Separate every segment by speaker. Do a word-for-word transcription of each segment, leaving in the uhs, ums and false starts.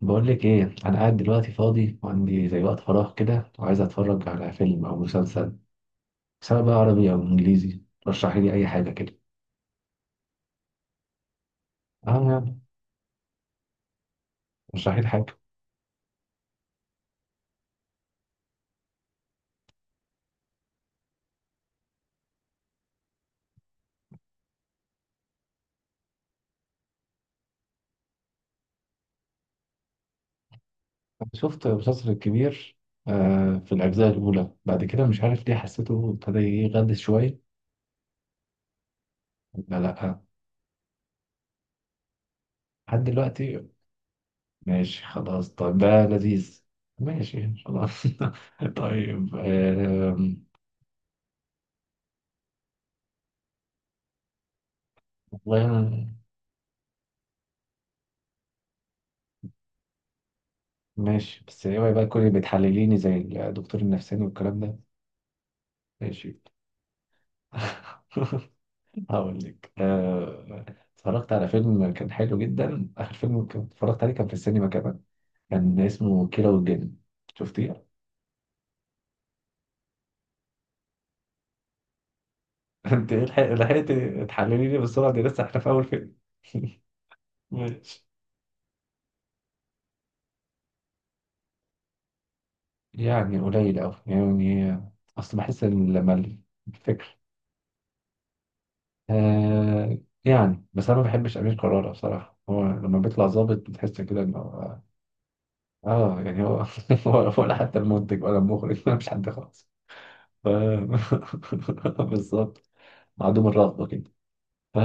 Speaker 1: بقول لك ايه، انا قاعد دلوقتي فاضي وعندي زي وقت فراغ كده وعايز اتفرج على فيلم او مسلسل، سواء بقى عربي او انجليزي. رشحي لي اي حاجه كده. اه يعني، رشحي لي حاجه. أنا شفت مسلسل الكبير آه في الاجزاء الاولى، بعد كده مش عارف ليه حسيته ابتدى يغلس شويه. لا لا، آه، لحد دلوقتي. ماشي خلاص. طيب ده لذيذ. ماشي خلاص. طيب آه والله أنا- ماشي، بس اوعي بقى تكوني بتحلليني زي الدكتور النفساني والكلام ده. ماشي. هقول لك آه، اتفرجت على فيلم كان حلو جدا. اخر فيلم كنت اتفرجت عليه كان في السينما كمان. كان اسمه كيرة والجن. شفتيه؟ انت إيه، لحق- لحقتي تحللي لي بالسرعه دي، لسه احنا في اول فيلم. ماشي. يعني قليل أوي يعني. أصل بحس إن لما الفكر، آه يعني بس أنا ما بحبش أمير كرارة بصراحة. هو لما بيطلع ظابط بتحس كده إنه آه يعني هو. هو- ولا حتى المنتج ولا المخرج ولا مش حد خالص. ف... بالظبط. معدوم الرغبة كده. ف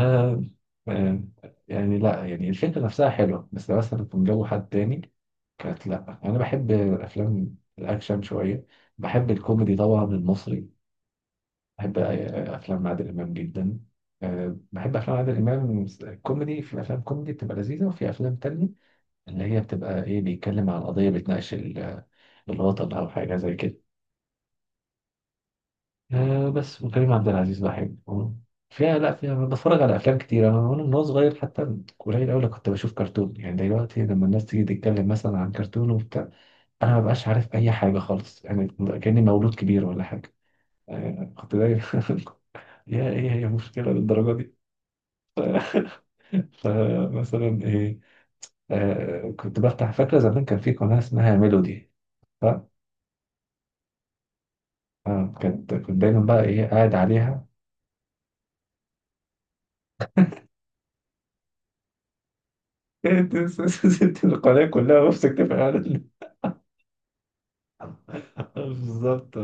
Speaker 1: آه، يعني لا، يعني الفكرة نفسها حلوة بس لو مثلا كان جو حد تاني. كانت لا، أنا بحب الأفلام الأكشن شوية. بحب الكوميدي طبعا المصري. بحب آه، أفلام عادل إمام جدا. آه، بحب أفلام عادل إمام كوميدي. في أفلام كوميدي بتبقى لذيذة، وفي أفلام تانية اللي هي بتبقى إيه بيتكلم عن قضية بتناقش ال- الوطن أو حاجة زي كده. آه بس، وكريم عبد العزيز بحبه فيها. لا، فيها بتفرج على افلام كتير انا، وانا من وأنا صغير حتى قليل قوي كنت بشوف كرتون، يعني دلوقتي لما الناس تيجي تتكلم مثلا عن كرتون وبتاع انا ما بقاش عارف اي حاجه خالص، يعني كاني مولود كبير ولا حاجه. آه كنت دايما. يا ايه، هي مشكله للدرجه دي؟ فمثلا ايه. آه كنت بفتح، فاكره زمان كان في قناه اسمها ميلودي. ف آه كنت كنت دايما بقى ايه قاعد عليها. إيه، ست القناه كلها، وامسك تبقى قاعد. بالظبط.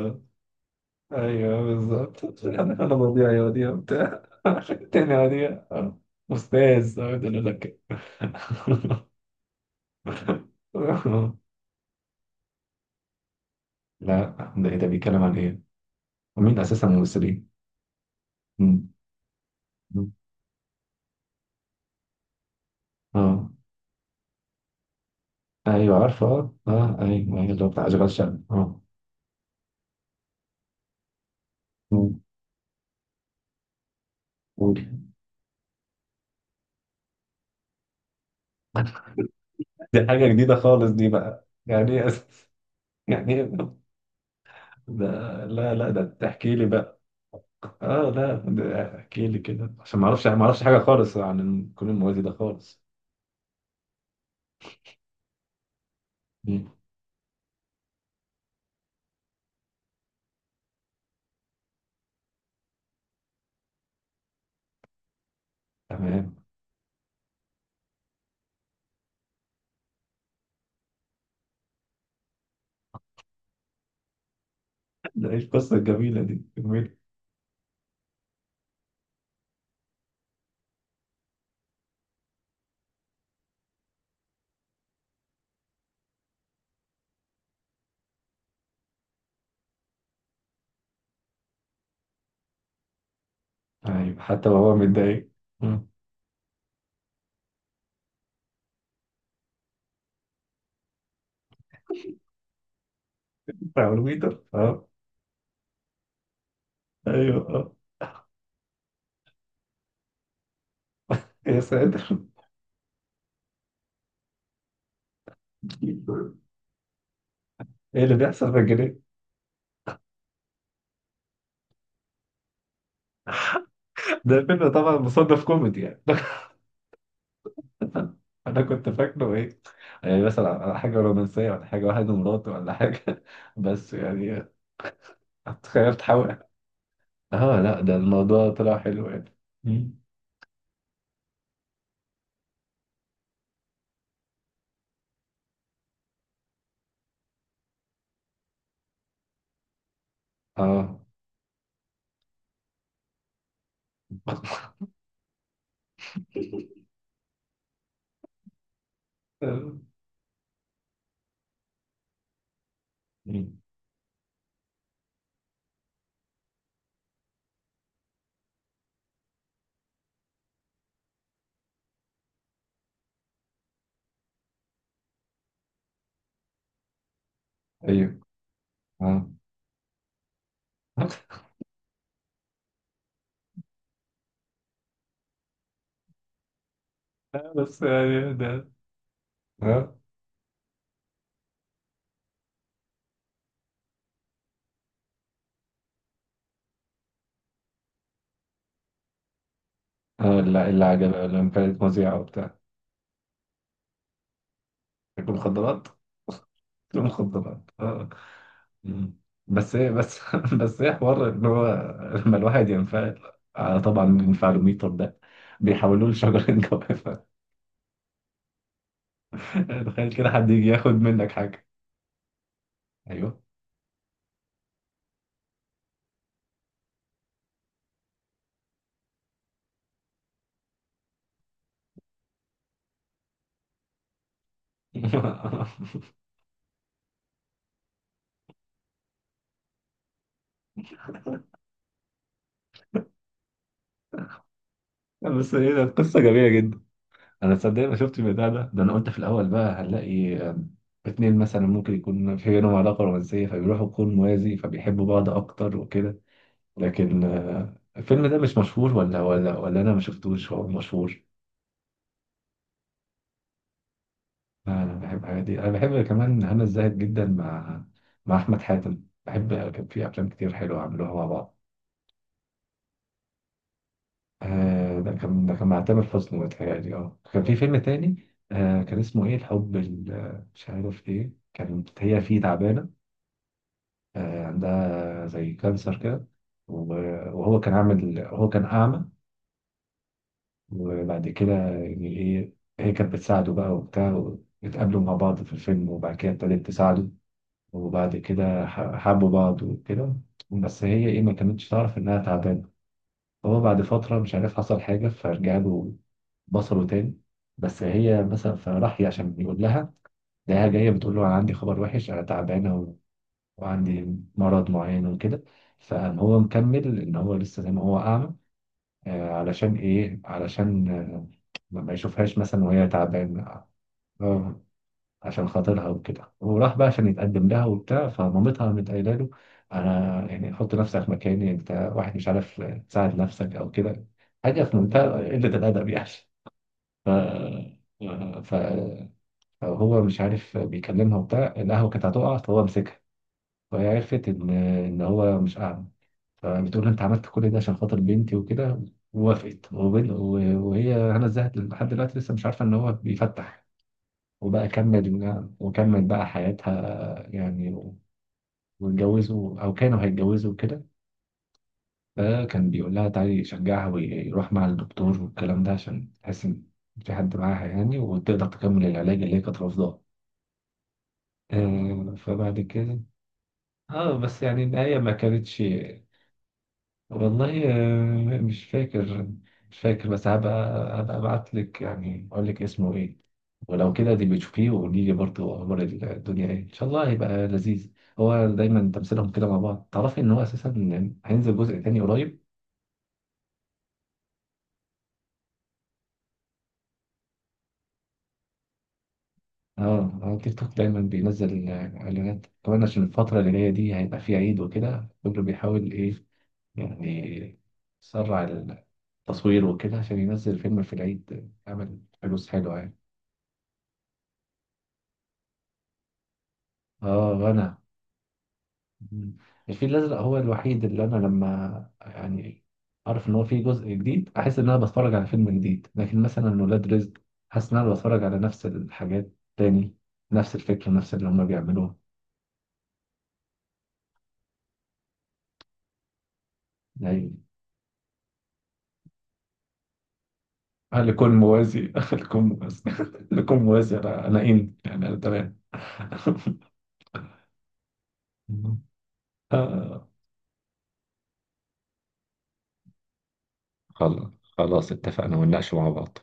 Speaker 1: ايوه بالظبط. انا أنا مضيع يا وديع وبتاع. تاني يا وديع. استاذ، أقعد اقول لك كده. لا، ده ايه ده، بيتكلم عن ايه؟ ومين اساسا الممثلين؟ مم. مم. اه، ايوه عارفه، اه، آه، ايوه، أيوة، اللي هو بتاع اشغال شقه اه. مم. قول. دي حاجه جديده خالص، دي بقى يعني ايه أس- يعني إيه؟ ده لا لا، ده تحكي لي بقى. اه لا، ده احكي لي كده عشان ما اعرفش ما اعرفش حاجه خالص عن كل الموازي ده خالص. مم. تمام. ده ايه القصه الجميله دي، جميل. ايوه حتى وهو متضايق. مم. بتاع الويتر اه. ايوه اه. يا ساتر، ايه اللي بيحصل في الجنيه؟ ده فيلم طبعا مصنف كوميدي يعني. انا كنت فاكره ايه، يعني مثلا على حاجه رومانسيه، ولا حاجه واحد ومراته، ولا حاجه. بس يعني تخيل تحاول. اه لا، ده الموضوع طلع حلو يعني. مم. اه. آه. مم. ايوه اه. لا، بس يعني ده اه. آه، اللي اللي عجب لما كانت مذيعة وبتاع. تاكل مخدرات، تاكل مخدرات اه. مم. بس ايه بس. بس ايه حوار ان هو لما الواحد ينفعل، آه، طبعا الانفعالوميتر ده بيحولوه لشجرة جوافة. تخيل كده حد يجي ياخد منك حاجة. ايوه. بس ايه، ده قصة جميلة جدا. انا تصدق ما شفتش البتاع ده ده انا قلت في الاول بقى هنلاقي آم، اتنين مثلا ممكن يكون في بينهم علاقه رومانسيه، فبيروحوا كون موازي فبيحبوا بعض اكتر وكده. لكن آه، الفيلم ده مش مشهور ولا ولا ولا انا ما شفتوش. هو مشهور؟ انا بحب الحاجات دي. انا بحب كمان هنا الزاهد جدا مع مع احمد حاتم، بحب كان في افلام كتير حلوه عملوها مع بعض. آه، ده كان ده كان مع تامر حسني، متهيألي اه كان في فيلم تاني. آه، كان اسمه ايه، الحب ال- مش عارف ايه، كانت هي فيه تعبانه. آه، عندها زي كانسر كده، و- وهو كان عامل، هو كان أعمى. وبعد كده يعني إيه، هي كانت بتساعده بقى وبتاع. اتقابلوا مع بعض في الفيلم وبعد كده ابتدت تساعده. وبعد كده ح- حبوا بعض وكده. بس هي إيه، ما كانتش تعرف إنها تعبانة. هو بعد فترة مش عارف حصل حاجة فرجع له بصره تاني. بس هي مثلا، فراح عشان يقول لها، ده هي جاية بتقول له أنا عندي خبر وحش، أنا تعبانة وعندي مرض معين وكده. فهو مكمل ان هو لسه زي ما هو اعمى. آه، علشان ايه، علشان آه، ما ما يشوفهاش مثلا وهي تعبانه، آه، عشان خاطرها وكده. وراح بقى عشان يتقدم لها وبتاع، فمامتها قامت قايله له: انا يعني حط نفسك مكاني، انت واحد مش عارف تساعد نفسك او كده، حاجه في منتهى قله الادب يعني. ف ف- فهو مش عارف بيكلمها وبتاع، القهوه كانت هتقع فهو مسكها، وهي عرفت ان ان هو مش اعمى. فبتقول لها: انت عملت كل ده عشان خاطر بنتي وكده. ووافقت وبن- و- وهي هنا الزاهد لحد دلوقتي لسه مش عارفه ان هو بيفتح. وبقى كمل وكمل بقى حياتها يعني. واتجوزوا او كانوا هيتجوزوا وكده. فكان بيقول لها تعالي، يشجعها ويروح مع الدكتور والكلام ده، عشان تحس ان في حد معاها يعني، وتقدر تكمل العلاج اللي هي كانت رافضاه. آه، فبعد كده اه، بس يعني النهاية ما كانتش. والله آه، مش فاكر مش فاكر. بس هبقى هبقى ابعت لك، يعني اقول لك اسمه ايه. ولو كده دي بتشوفيه وقولي لي برضه اخبار الدنيا ايه، ان شاء الله هيبقى لذيذ. هو دايما تمثيلهم كده مع بعض. تعرفي ان هو اساسا هينزل جزء تاني قريب. اه على تيك توك دايما بينزل اعلانات، كمان عشان الفترة اللي جاية دي هيبقى فيه عيد وكده، كله بيحاول ايه يعني يسرع التصوير وكده عشان ينزل فيلم في العيد يعمل فلوس حلوة يعني. اه وانا. مم. الفيل الأزرق هو الوحيد اللي أنا لما يعني أعرف إن هو فيه جزء جديد أحس إن أنا بتفرج على فيلم جديد. لكن مثلا ولاد رزق، حاسس إن أنا بتفرج على نفس الحاجات تاني، نفس الفكرة، نفس اللي هما بيعملوه يعني. هل يكون موازي. هل يكون موازي. هل يكون موازي؟ أنا أنا إن يعني أنا تمام. آه، خلاص خلاص، اتفقنا ونناقش مع بعض.